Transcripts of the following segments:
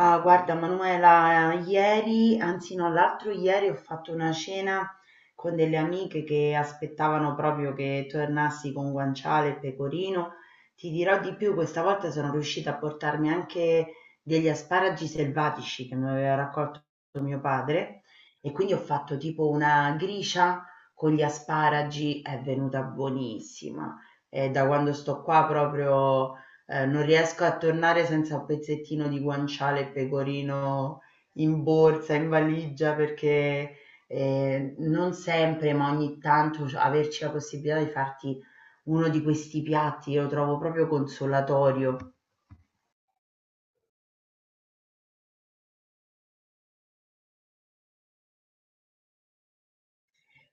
Ah, guarda, Manuela, ieri, anzi no, l'altro ieri ho fatto una cena con delle amiche che aspettavano proprio che tornassi con guanciale e pecorino. Ti dirò di più, questa volta sono riuscita a portarmi anche degli asparagi selvatici che mi aveva raccolto mio padre e quindi ho fatto tipo una gricia con gli asparagi, è venuta buonissima. E da quando sto qua proprio non riesco a tornare senza un pezzettino di guanciale e pecorino in borsa, in valigia, perché non sempre, ma ogni tanto averci la possibilità di farti uno di questi piatti, io lo trovo proprio consolatorio.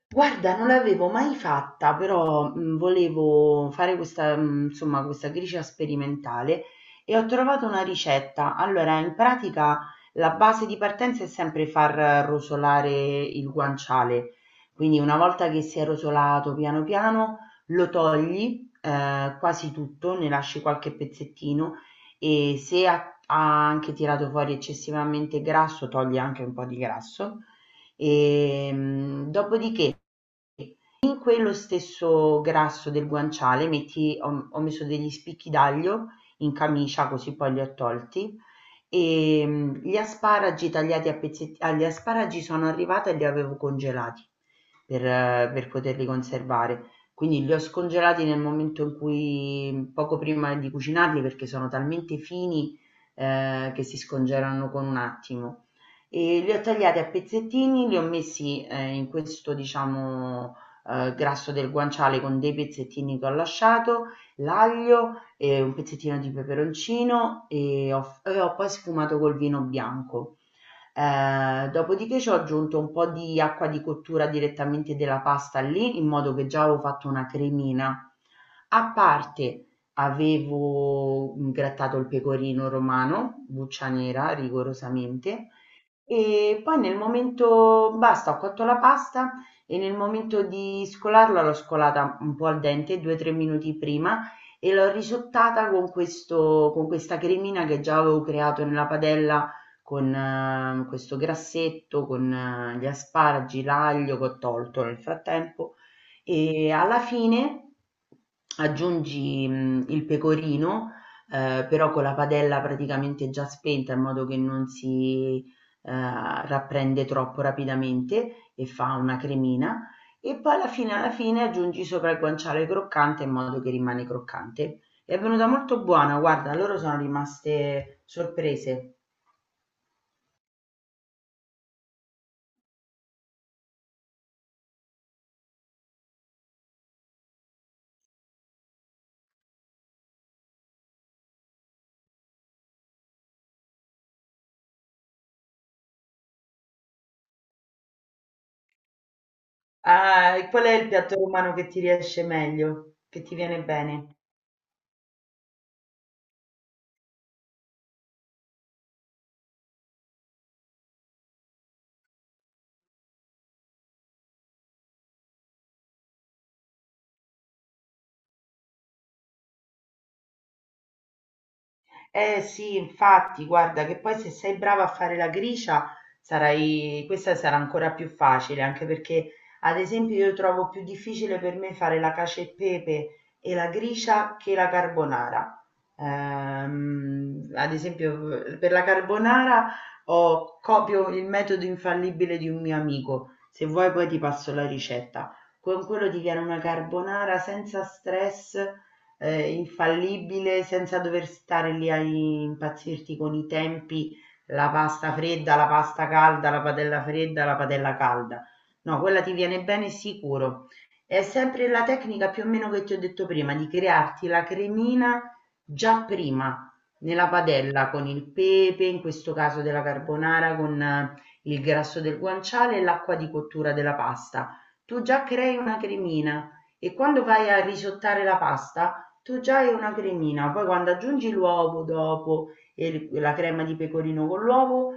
Guarda, non l'avevo mai fatta, però, volevo fare questa insomma, questa gricia sperimentale e ho trovato una ricetta. Allora, in pratica la base di partenza è sempre far rosolare il guanciale, quindi una volta che si è rosolato piano piano lo togli, quasi tutto, ne lasci qualche pezzettino e se ha anche tirato fuori eccessivamente grasso, togli anche un po' di grasso. Dopodiché in quello stesso grasso del guanciale metti ho ho messo degli spicchi d'aglio in camicia, così poi li ho tolti, gli asparagi tagliati a pezzetti agli asparagi sono arrivata e li avevo congelati per poterli conservare. Quindi li ho scongelati nel momento in cui poco prima di cucinarli, perché sono talmente fini, che si scongelano con un attimo. E li ho tagliati a pezzettini, li ho messi, in questo diciamo grasso del guanciale con dei pezzettini che ho lasciato, l'aglio, e un pezzettino di peperoncino e ho poi sfumato col vino bianco. Dopodiché ci ho aggiunto un po' di acqua di cottura direttamente della pasta lì, in modo che già avevo fatto una cremina. A parte avevo grattato il pecorino romano, buccia nera rigorosamente, e poi nel momento, basta, ho cotto la pasta e nel momento di scolarla l'ho scolata un po' al dente, 2-3 minuti prima, e l'ho risottata con questo, con questa cremina che già avevo creato nella padella con questo grassetto, con gli asparagi, l'aglio che ho tolto nel frattempo. E alla fine aggiungi il pecorino, però con la padella praticamente già spenta in modo che non si eh, rapprende troppo rapidamente e fa una cremina e poi alla fine aggiungi sopra il guanciale croccante in modo che rimane croccante. È venuta molto buona, guarda, loro sono rimaste sorprese. Ah, e qual è il piatto romano che ti riesce meglio, che ti viene bene? Eh sì, infatti, guarda che poi se sei brava a fare la gricia, sarai... questa sarà ancora più facile, anche perché ad esempio io trovo più difficile per me fare la cacio e pepe e la gricia che la carbonara. Ad esempio per la carbonara copio il metodo infallibile di un mio amico, se vuoi poi ti passo la ricetta. Con quello ti viene una carbonara senza stress, infallibile, senza dover stare lì a impazzirti con i tempi, la pasta fredda, la pasta calda, la padella fredda, la padella calda. No, quella ti viene bene sicuro. È sempre la tecnica più o meno che ti ho detto prima, di crearti la cremina già prima nella padella con il pepe, in questo caso della carbonara, con il grasso del guanciale e l'acqua di cottura della pasta. Tu già crei una cremina e quando vai a risottare la pasta, tu già hai una cremina, poi quando aggiungi l'uovo dopo e la crema di pecorino con l'uovo,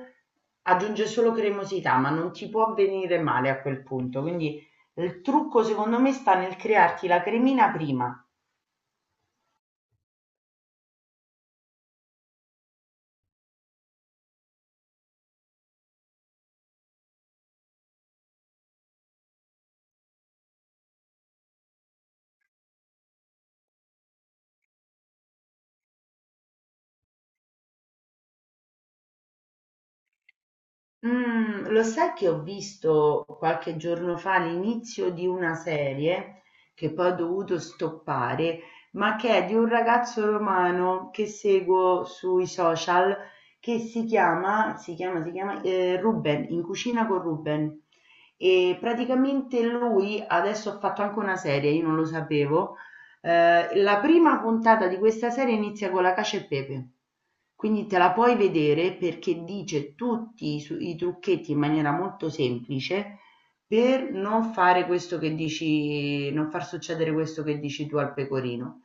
aggiunge solo cremosità, ma non ti può venire male a quel punto. Quindi il trucco secondo me sta nel crearti la cremina prima. Mhmm, Lo sai che ho visto qualche giorno fa l'inizio di una serie, che poi ho dovuto stoppare, ma che è di un ragazzo romano che seguo sui social, che si chiama Ruben, In cucina con Ruben. E praticamente lui adesso ha fatto anche una serie, io non lo sapevo, la prima puntata di questa serie inizia con la cace e pepe. Quindi te la puoi vedere perché dice tutti i trucchetti in maniera molto semplice per non fare questo che dici, non far succedere questo che dici tu al pecorino.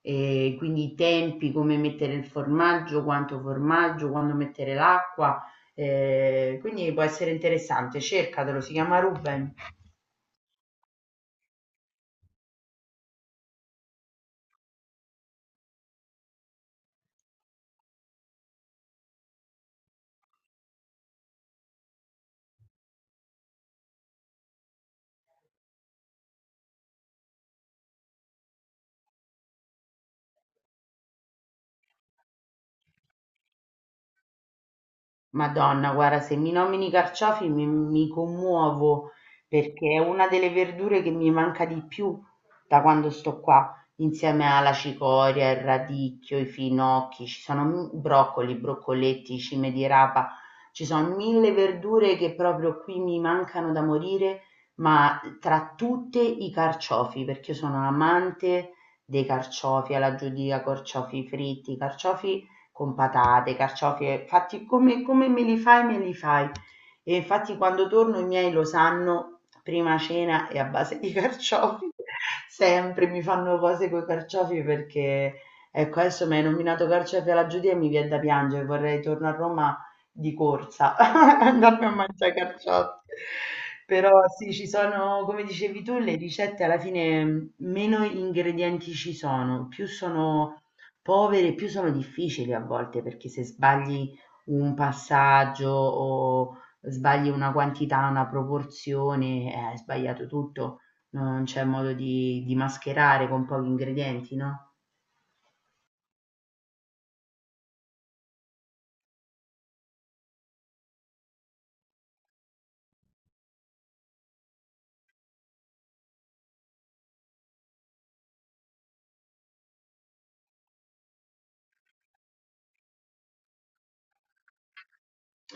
E quindi i tempi, come mettere il formaggio, quanto formaggio, quando mettere l'acqua. Quindi può essere interessante, cercatelo, si chiama Ruben. Madonna, guarda, se mi nomini i carciofi mi commuovo perché è una delle verdure che mi manca di più da quando sto qua, insieme alla cicoria, il radicchio, i finocchi, ci sono broccoli, broccoletti, cime di rapa, ci sono mille verdure che proprio qui mi mancano da morire, ma tra tutte i carciofi, perché io sono amante dei carciofi alla giudica, carciofi fritti, carciofi con patate, carciofi, fatti come, me li fai, me li fai. E infatti quando torno i miei lo sanno, prima cena è a base di carciofi, sempre mi fanno cose con i carciofi perché, ecco, adesso mi hai nominato carciofi alla Giudia e mi viene da piangere, vorrei tornare a Roma di corsa, andarmi a mangiare carciofi. Però sì, ci sono, come dicevi tu, le ricette alla fine, meno ingredienti ci sono, più sono povere, più sono difficili a volte, perché se sbagli un passaggio o sbagli una quantità, una proporzione, hai sbagliato tutto, non c'è modo di mascherare con pochi ingredienti, no?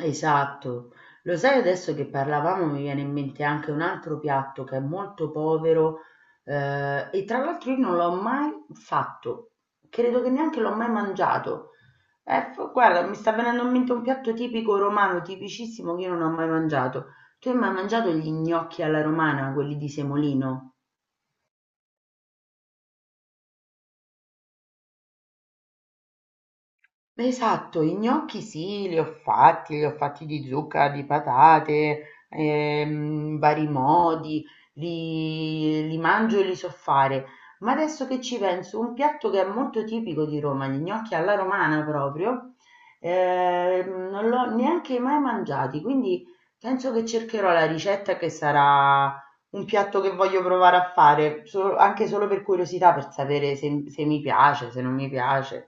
Esatto. Lo sai adesso che parlavamo mi viene in mente anche un altro piatto che è molto povero, e tra l'altro io non l'ho mai fatto, credo che neanche l'ho mai mangiato. F guarda, mi sta venendo in mente un piatto tipico romano, tipicissimo, che io non ho mai mangiato. Tu hai mai mangiato gli gnocchi alla romana, quelli di semolino? Esatto, i gnocchi sì, li ho fatti di zucca, di patate, vari modi, li mangio e li so fare. Ma adesso che ci penso, un piatto che è molto tipico di Roma, gli gnocchi alla romana proprio, non l'ho neanche mai mangiati, quindi penso che cercherò la ricetta che sarà un piatto che voglio provare a fare, anche solo per curiosità, per sapere se se mi piace, se non mi piace.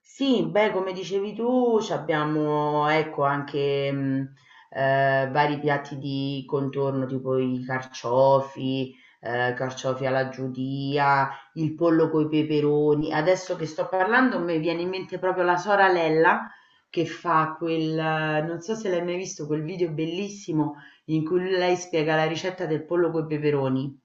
Sì, beh, come dicevi tu, c'abbiamo ecco anche vari piatti di contorno, tipo i carciofi, carciofi alla giudia, il pollo coi peperoni. Adesso che sto parlando, mi viene in mente proprio la soralella che fa quel, non so se l'hai mai visto, quel video bellissimo in cui lei spiega la ricetta del pollo coi peperoni.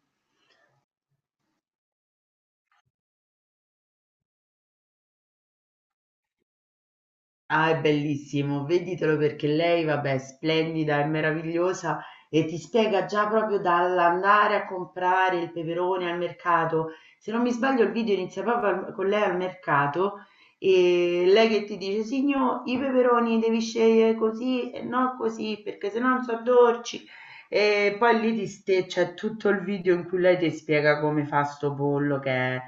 Ah, è bellissimo, veditelo perché lei, vabbè, è splendida, è meravigliosa e ti spiega già proprio dall'andare a comprare il peperone al mercato. Se non mi sbaglio, il video inizia proprio con lei al mercato e lei che ti dice: Signor, i peperoni devi scegliere così e non così perché se no non so dolci. E poi lì c'è tutto il video in cui lei ti spiega come fa sto pollo che è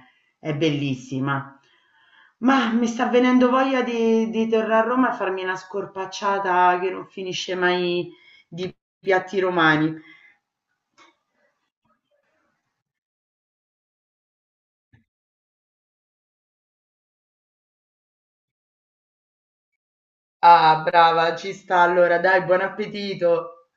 è bellissima. Mah, mi sta venendo voglia di tornare a Roma e farmi una scorpacciata che non finisce mai di piatti romani. Ah, brava, ci sta allora, dai, buon appetito!